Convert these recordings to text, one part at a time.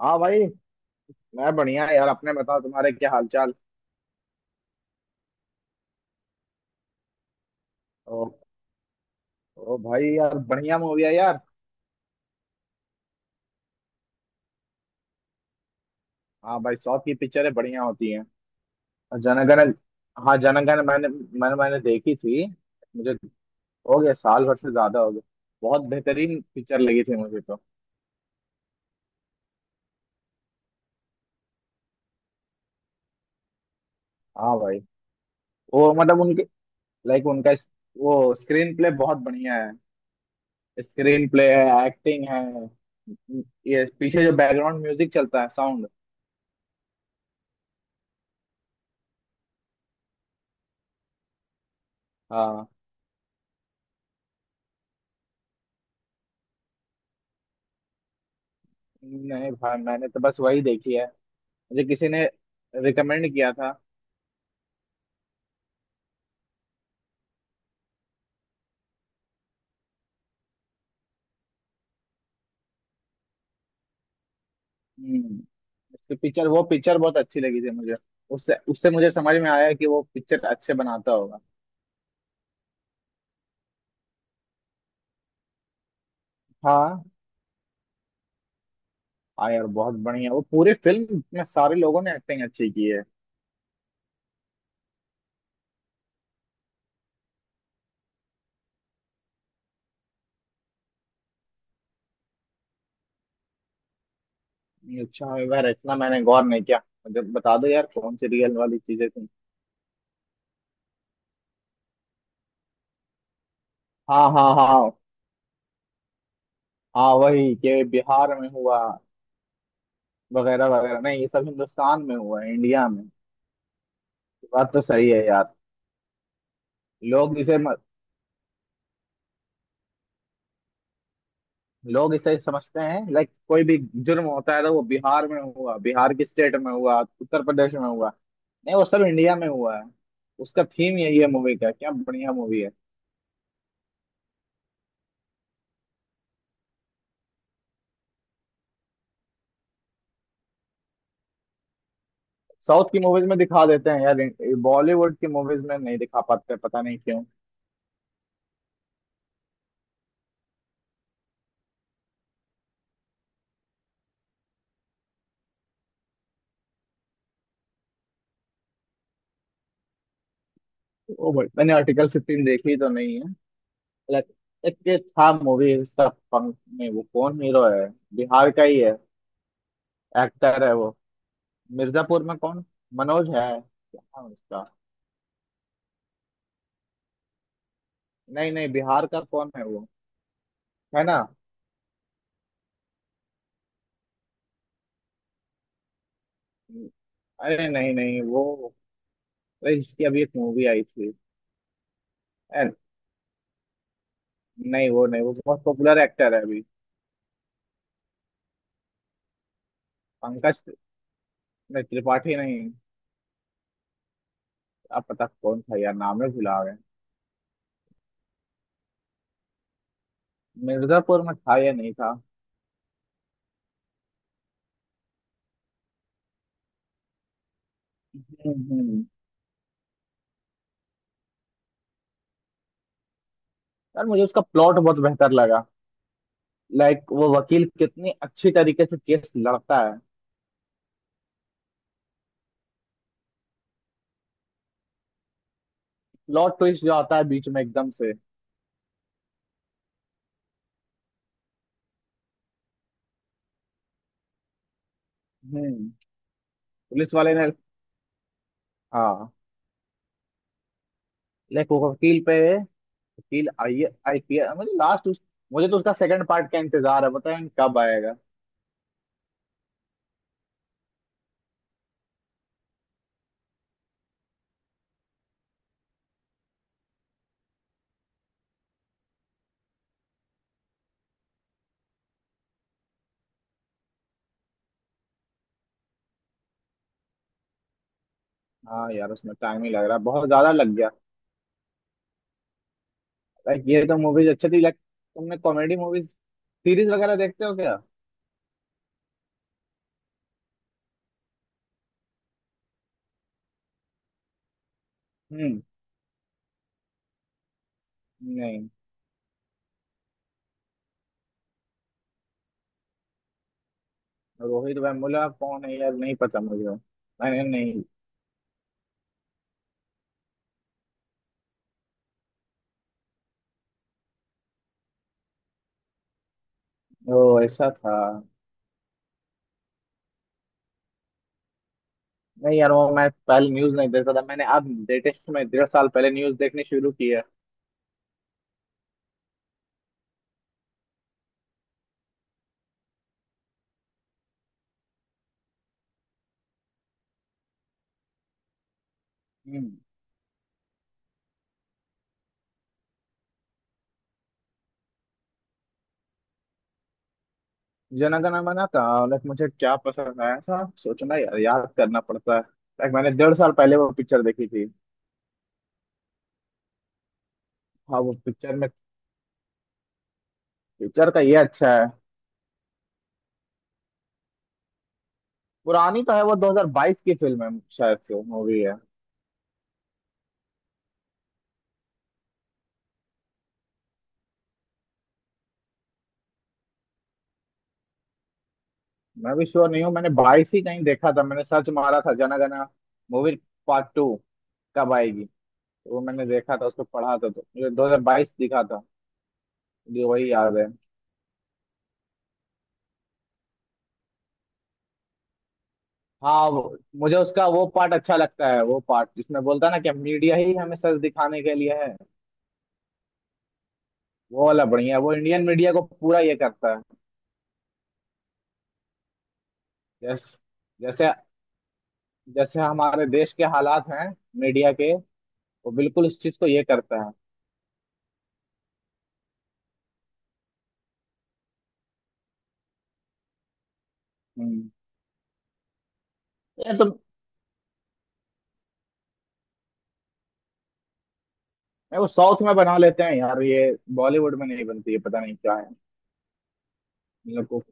हाँ भाई। मैं बढ़िया यार, अपने बताओ, तुम्हारे क्या हाल चाल। ओ, ओ भाई यार बढ़िया मूवी है यार। हाँ भाई, साउथ की पिक्चरें बढ़िया होती हैं। और जनगण हाँ जनगण, मैंने मैंने मैंने देखी थी। मुझे हो गया, साल भर से ज्यादा हो गया। बहुत बेहतरीन पिक्चर लगी थी मुझे तो। हाँ भाई, वो मतलब उनके, लाइक उनका वो स्क्रीन प्ले बहुत बढ़िया है। स्क्रीन प्ले है, एक्टिंग है, ये पीछे जो बैकग्राउंड म्यूजिक चलता है, साउंड। हाँ। नहीं भाई, मैंने तो बस वही देखी है। मुझे किसी ने रिकमेंड किया था। हम्म। उसकी पिक्चर, वो पिक्चर बहुत अच्छी लगी थी मुझे। उससे उससे मुझे समझ में आया कि वो पिक्चर अच्छे बनाता होगा। हाँ। हाँ यार, बहुत बढ़िया, वो पूरी फिल्म में सारे लोगों ने एक्टिंग अच्छी की है। अच्छा यार, इतना मैंने गौर नहीं किया। मुझे बता दो यार कौन सी रियल वाली चीजें थी। हाँ हाँ हाँ। हाँ, वही कि बिहार में हुआ वगैरह वगैरह, नहीं ये सब हिंदुस्तान में हुआ है, इंडिया में। बात तो सही है यार। लोग इसे लोग इसे समझते हैं, लाइक कोई भी जुर्म होता है तो वो बिहार में हुआ, बिहार की स्टेट में हुआ, उत्तर प्रदेश में हुआ, नहीं, वो सब इंडिया में हुआ है। उसका थीम यही है मूवी का, क्या बढ़िया मूवी है। साउथ की मूवीज में दिखा देते हैं यार, बॉलीवुड की मूवीज में नहीं दिखा पाते, पता नहीं क्यों। ओ भाई, मैंने आर्टिकल 15 देखी तो नहीं है। लाइक एक ये था मूवी, इसका पंख में वो कौन हीरो है, बिहार का ही है, एक्टर है वो। मिर्जापुर में कौन, मनोज है, क्या नाम है उसका? नहीं नहीं, बिहार का कौन है वो? है ना? अरे नहीं नहीं, वो, अरे इसकी अभी एक मूवी आई थी। अरे, नहीं वो नहीं, वो बहुत पॉपुलर एक्टर है अभी। पंकज, नहीं, त्रिपाठी नहीं। अब पता कौन था यार, नाम में भुला गए। मिर्जापुर में था या नहीं था। हम्म। हम्म। यार मुझे उसका प्लॉट बहुत बेहतर लगा। लाइक वो वकील कितनी अच्छी तरीके से केस लड़ता है। प्लॉट ट्विस्ट जो आता है बीच में एकदम से। हम्म। पुलिस वाले ने, हाँ, लाइक वो वकील पे, वकील, आई आईपीएस, मुझे लास्ट। मुझे तो उसका सेकंड पार्ट का इंतजार है, बताएं कब आएगा। हाँ यार, उसमें टाइम ही लग रहा है, बहुत ज्यादा लग गया। लाइक ये तो मूवीज अच्छी थी, लाइक तुमने कॉमेडी मूवीज, सीरीज वगैरह देखते हो क्या? हम्म। नहीं। रोहित वेमुला कौन है यार, नहीं पता मुझे। मैंने नहीं। वो ऐसा था? नहीं यार, वो मैं पहले न्यूज नहीं देखता था, मैंने अब लेटेस्ट में 1.5 साल पहले न्यूज देखनी शुरू की है। हम्म। जनगण मना था। लाइक मुझे क्या पसंद आया था, सोचना यार, याद करना पड़ता है, लाइक मैंने 1.5 साल पहले वो पिक्चर देखी थी। हाँ, वो पिक्चर में, पिक्चर का ये अच्छा है। पुरानी तो है, वो 2022 की फिल्म है शायद से, मूवी है। मैं भी श्योर नहीं हूँ, मैंने 22 ही कहीं देखा था। मैंने सर्च मारा था, Jana Gana movie part two कब आएगी, तो वो मैंने देखा था, उसको पढ़ा था तो मुझे 2022 दिखा था। मुझे वही याद है। मुझे उसका वो पार्ट अच्छा लगता है, वो पार्ट जिसमें बोलता है ना कि मीडिया ही हमें सच दिखाने के लिए है। वो वाला बढ़िया है, वो इंडियन मीडिया को पूरा ये करता है। जैस, जैसे जैसे हमारे देश के हालात हैं, मीडिया के, वो बिल्कुल इस चीज को ये करता है। हम्म। ये तो, ये वो साउथ में बना लेते हैं यार, ये बॉलीवुड में नहीं बनती है, पता नहीं क्या है। इन लोग को,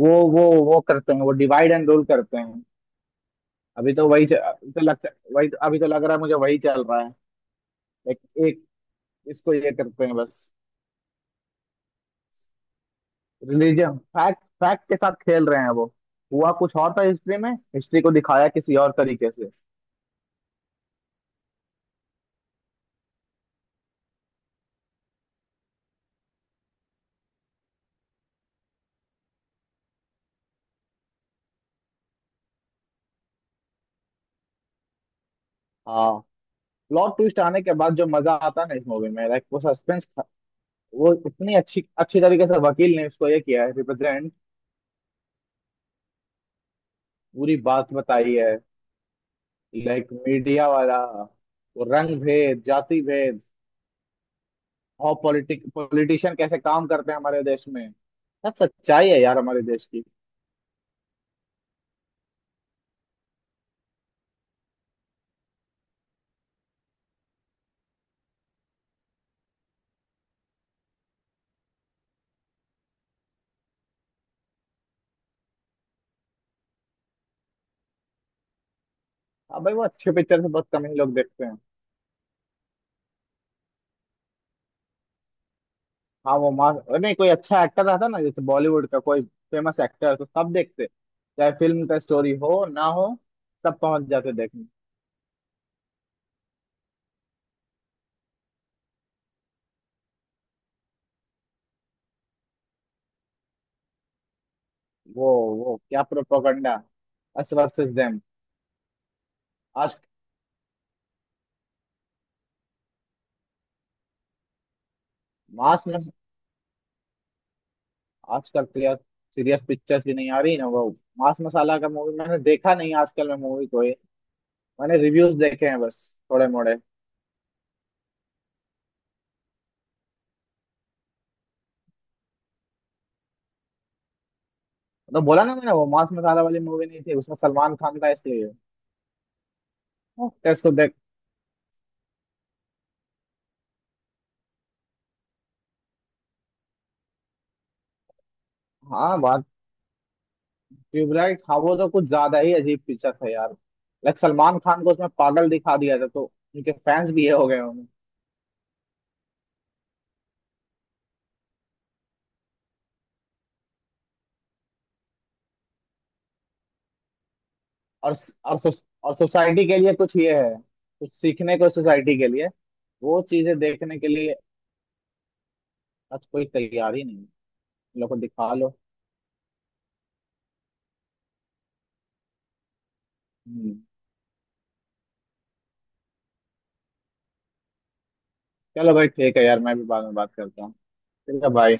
वो वो वो करते हैं, वो डिवाइड एंड रूल करते हैं। अभी तो लगता, वही तो, अभी तो लग रहा है मुझे, वही चल रहा है। एक एक इसको ये करते हैं बस। रिलीजन, फैक्ट फैक्ट के साथ खेल रहे हैं वो। हुआ कुछ और था हिस्ट्री में, हिस्ट्री को दिखाया किसी और तरीके से। हाँ। प्लॉट ट्विस्ट आने के बाद जो मजा आता है ना इस मूवी में, लाइक वो सस्पेंस, वो इतनी अच्छी अच्छी तरीके से वकील ने उसको ये किया है, रिप्रेजेंट, पूरी बात बताई है, लाइक मीडिया वाला, वो रंग भेद, जाति भेद, और पॉलिटिक, पॉलिटिशियन कैसे काम करते हैं हमारे देश में। सब सच्चाई है यार, हमारे देश की। हाँ भाई, वो अच्छे पिक्चर से बहुत कम ही लोग देखते हैं। हाँ वो मास, नहीं, कोई अच्छा एक्टर रहता ना, जैसे बॉलीवुड का कोई फेमस एक्टर, तो सब देखते, चाहे फिल्म का स्टोरी हो ना हो, सब पहुंच जाते देखने। वो वो क्या, प्रोपोगंडा, अस वर्सेस देम। आज, आजकल तो यार, सीरियस पिक्चर्स भी नहीं आ रही ना, वो मांस मसाला का मूवी मैंने देखा नहीं, आजकल मैं मूवी कोई, मैंने रिव्यूज देखे हैं बस, थोड़े मोड़े। तो बोला ना मैंने, वो मांस मसाला वाली मूवी नहीं थी, उसमें सलमान खान था इसलिए। एक्टर्स को देख। हाँ बात, ट्यूबलाइट, हाँ वो तो कुछ ज्यादा ही अजीब पिक्चर था यार। लाइक सलमान खान को उसमें पागल दिखा दिया था, तो उनके फैंस भी ये हो गए होंगे। और, और सोसाइटी के लिए कुछ ये है, कुछ सीखने को सोसाइटी के लिए, वो चीजें देखने के लिए, आज कोई तैयार ही नहीं। इन लोग को दिखा लो। हम्म। चलो भाई, ठीक है यार, मैं भी बाद में बात करता हूँ। ठीक है भाई।